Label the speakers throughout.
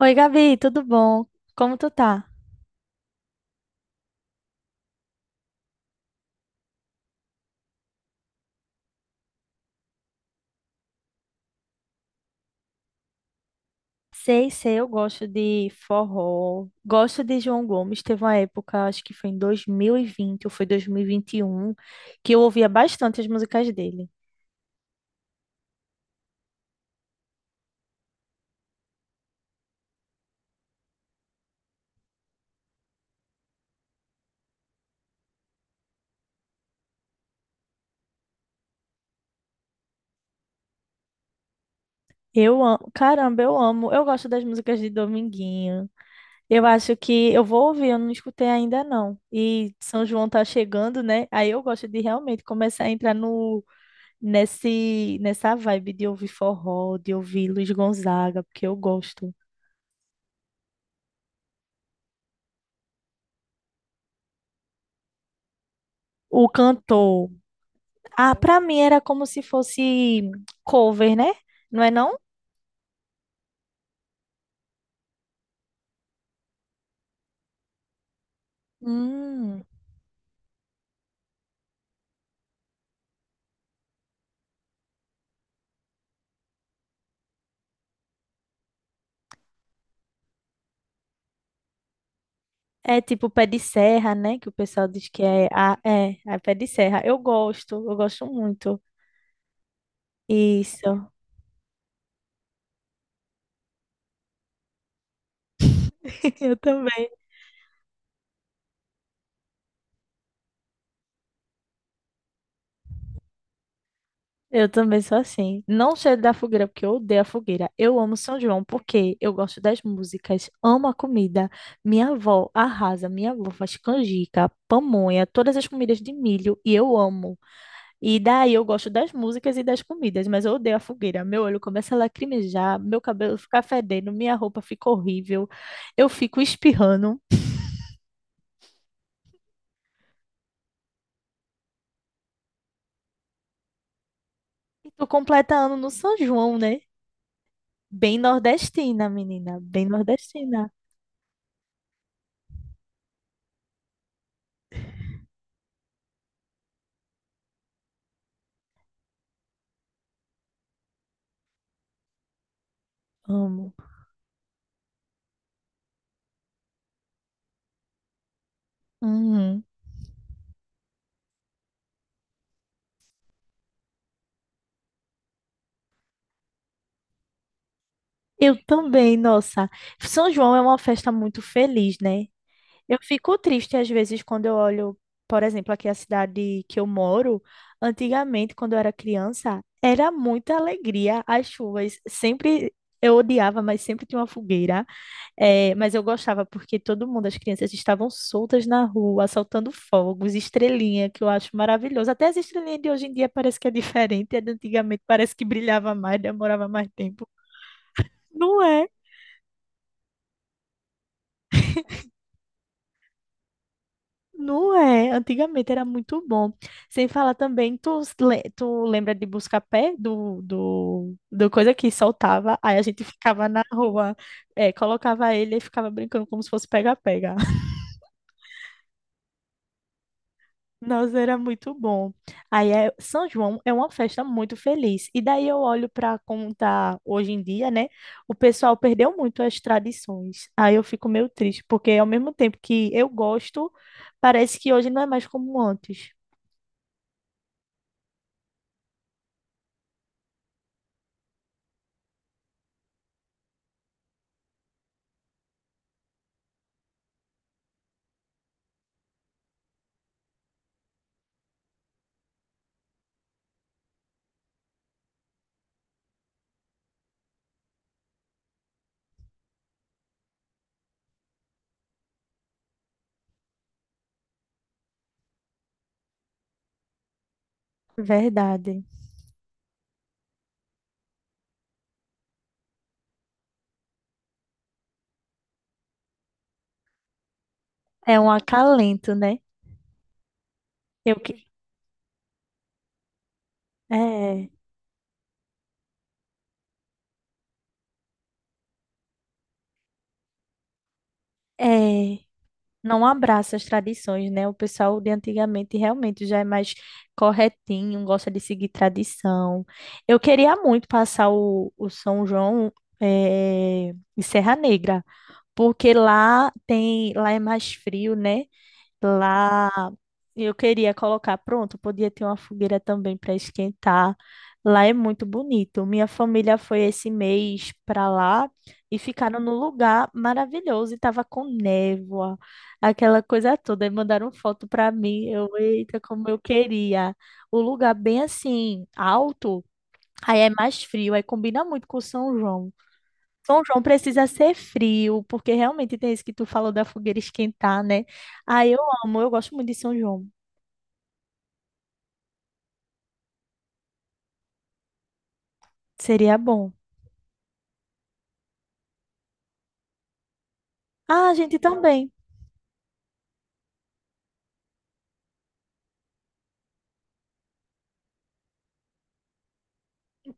Speaker 1: Oi, Gabi, tudo bom? Como tu tá? Sei, sei, eu gosto de forró, gosto de João Gomes. Teve uma época, acho que foi em 2020 ou foi dois mil e vinte e um, que eu ouvia bastante as músicas dele. Eu amo, caramba, eu amo. Eu gosto das músicas de Dominguinho. Eu acho que eu vou ouvir, eu não escutei ainda não. E São João tá chegando, né? Aí eu gosto de realmente começar a entrar no nesse nessa vibe de ouvir forró, de ouvir Luiz Gonzaga, porque eu gosto. O cantor. Ah, pra mim era como se fosse cover, né? Não é não? Hum. É tipo pé de serra, né? Que o pessoal diz que é. Ah, é, é pé de serra. Eu gosto muito. Isso. Eu também. Eu também sou assim. Não cheiro da fogueira, porque eu odeio a fogueira. Eu amo São João, porque eu gosto das músicas, amo a comida. Minha avó arrasa, minha avó faz canjica, pamonha, todas as comidas de milho, e eu amo. E daí eu gosto das músicas e das comidas, mas eu odeio a fogueira. Meu olho começa a lacrimejar, meu cabelo fica fedendo, minha roupa fica horrível, eu fico espirrando. E tô completando no São João, né? Bem nordestina, menina, bem nordestina. Amo. Uhum. Eu também, nossa. São João é uma festa muito feliz, né? Eu fico triste às vezes quando eu olho, por exemplo, aqui a cidade que eu moro. Antigamente, quando eu era criança, era muita alegria as chuvas. Sempre eu odiava, mas sempre tinha uma fogueira. Mas eu gostava porque todo mundo, as crianças estavam soltas na rua, soltando fogos, estrelinha, que eu acho maravilhoso. Até as estrelinhas de hoje em dia parece que é diferente. A de antigamente parece que brilhava mais, demorava mais tempo. Não é? Não é, antigamente era muito bom. Sem falar também, tu, tu lembra de Buscapé, do coisa que soltava, aí a gente ficava na rua, é, colocava ele e ficava brincando como se fosse pega-pega. Nossa, era muito bom. Aí é, São João é uma festa muito feliz. E daí eu olho para como tá hoje em dia, né? O pessoal perdeu muito as tradições. Aí eu fico meio triste, porque ao mesmo tempo que eu gosto, parece que hoje não é mais como antes. Verdade. É um acalento, né? Eu que é, é, não abraça as tradições, né? O pessoal de antigamente realmente já é mais corretinho, gosta de seguir tradição. Eu queria muito passar o São João é, em Serra Negra, porque lá tem, lá é mais frio, né? Lá e eu queria colocar, pronto, podia ter uma fogueira também para esquentar. Lá é muito bonito. Minha família foi esse mês para lá e ficaram num lugar maravilhoso e tava com névoa, aquela coisa toda. E mandaram foto para mim. Eu, eita, como eu queria. O lugar bem assim, alto, aí é mais frio, aí combina muito com São João. São João precisa ser frio, porque realmente tem isso que tu falou da fogueira esquentar, né? Aí eu amo, eu gosto muito de São João. Seria bom. Ah, a gente também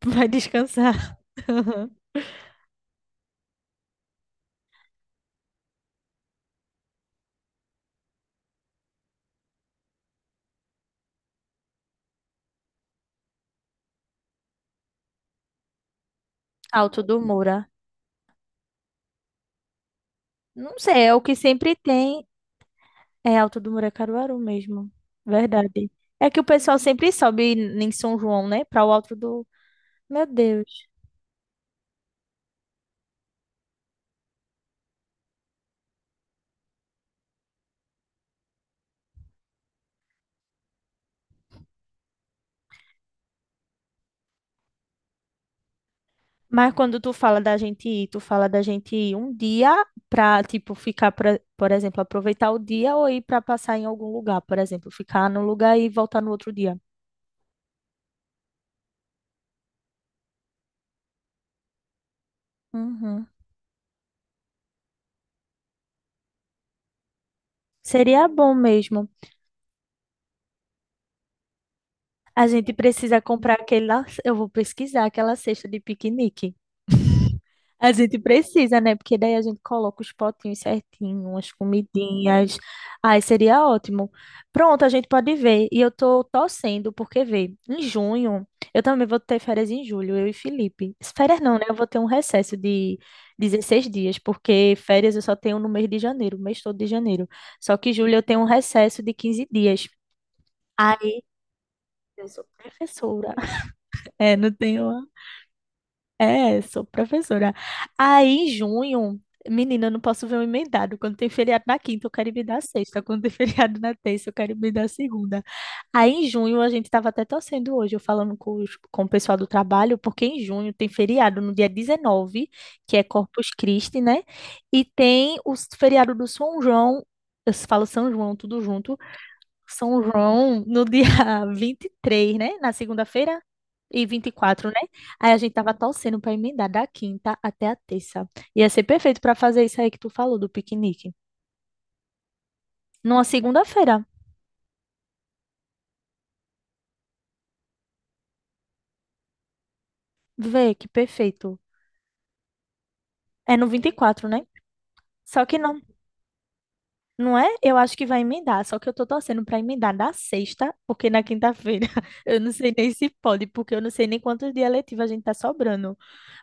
Speaker 1: vai descansar. Alto do Moura. Não sei, é o que sempre tem. É Alto do Moura é Caruaru mesmo. Verdade. É que o pessoal sempre sobe em São João, né? Para o Alto do. Meu Deus. Mas quando tu fala da gente ir, tu fala da gente ir um dia pra, tipo, ficar, pra, por exemplo, aproveitar o dia ou ir pra passar em algum lugar, por exemplo, ficar num lugar e voltar no outro dia. Uhum. Seria bom mesmo. A gente precisa comprar aquela. Eu vou pesquisar aquela cesta de piquenique. A gente precisa, né? Porque daí a gente coloca os potinhos certinho, as comidinhas. Ai, seria ótimo. Pronto, a gente pode ver. E eu tô torcendo, porque vê, em junho, eu também vou ter férias em julho, eu e Felipe. Férias não, né? Eu vou ter um recesso de 16 dias, porque férias eu só tenho no mês de janeiro, o mês todo de janeiro. Só que julho eu tenho um recesso de 15 dias. Ai, eu sou professora. É, não tenho é, sou professora. Aí, em junho, menina, eu não posso ver um emendado. Quando tem feriado na quinta, eu quero ir me dar sexta. Quando tem feriado na terça, eu quero ir me dar segunda. Aí, em junho, a gente estava até torcendo hoje, eu falando com, com o pessoal do trabalho, porque em junho tem feriado no dia 19, que é Corpus Christi, né? E tem o feriado do São João. Eu falo São João, tudo junto, são João no dia 23, né? Na segunda-feira e vinte e quatro, né? Aí a gente tava torcendo pra emendar da quinta até a terça. Ia ser perfeito pra fazer isso aí que tu falou do piquenique. Numa segunda-feira. Vê que perfeito. É no vinte e quatro, né? Só que não, não é? Eu acho que vai emendar, só que eu tô torcendo pra emendar na sexta, porque na quinta-feira eu não sei nem se pode, porque eu não sei nem quantos dias letivos a gente tá sobrando.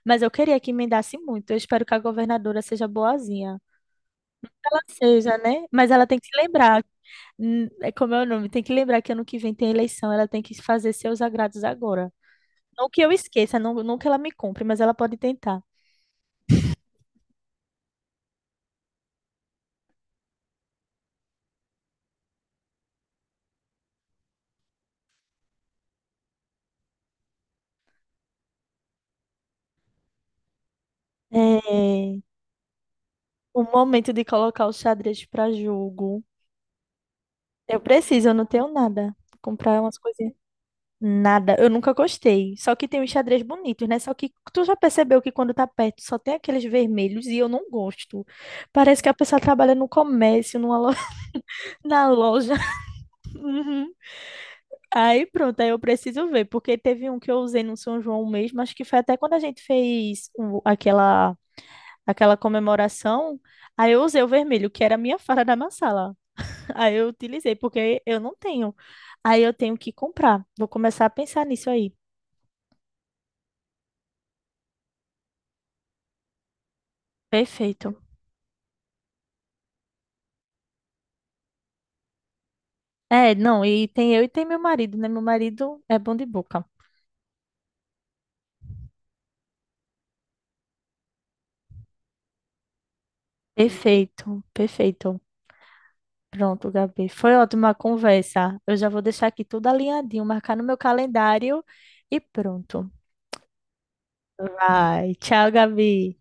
Speaker 1: Mas eu queria que emendasse muito. Eu espero que a governadora seja boazinha ela seja, né? Mas ela tem que se lembrar, é como é o nome, tem que lembrar que ano que vem tem eleição, ela tem que fazer seus agrados agora. Não que eu esqueça, não, não que ela me compre, mas ela pode tentar. É, o momento de colocar o xadrez para jogo. Eu preciso, eu não tenho nada. Comprar umas coisinhas. Nada, eu nunca gostei. Só que tem uns xadrez bonitos, né? Só que tu já percebeu que quando tá perto só tem aqueles vermelhos e eu não gosto. Parece que a pessoa trabalha no comércio, numa lo- na loja. Aí pronto, aí eu preciso ver, porque teve um que eu usei no São João mesmo, acho que foi até quando a gente fez aquela, aquela comemoração, aí eu usei o vermelho, que era a minha fara da massala. Aí eu utilizei, porque eu não tenho. Aí eu tenho que comprar. Vou começar a pensar nisso aí. Perfeito. É, não, e tem eu e tem meu marido, né? Meu marido é bom de boca. Perfeito, perfeito. Pronto, Gabi. Foi ótima a conversa. Eu já vou deixar aqui tudo alinhadinho, marcar no meu calendário e pronto. Vai. Tchau, Gabi.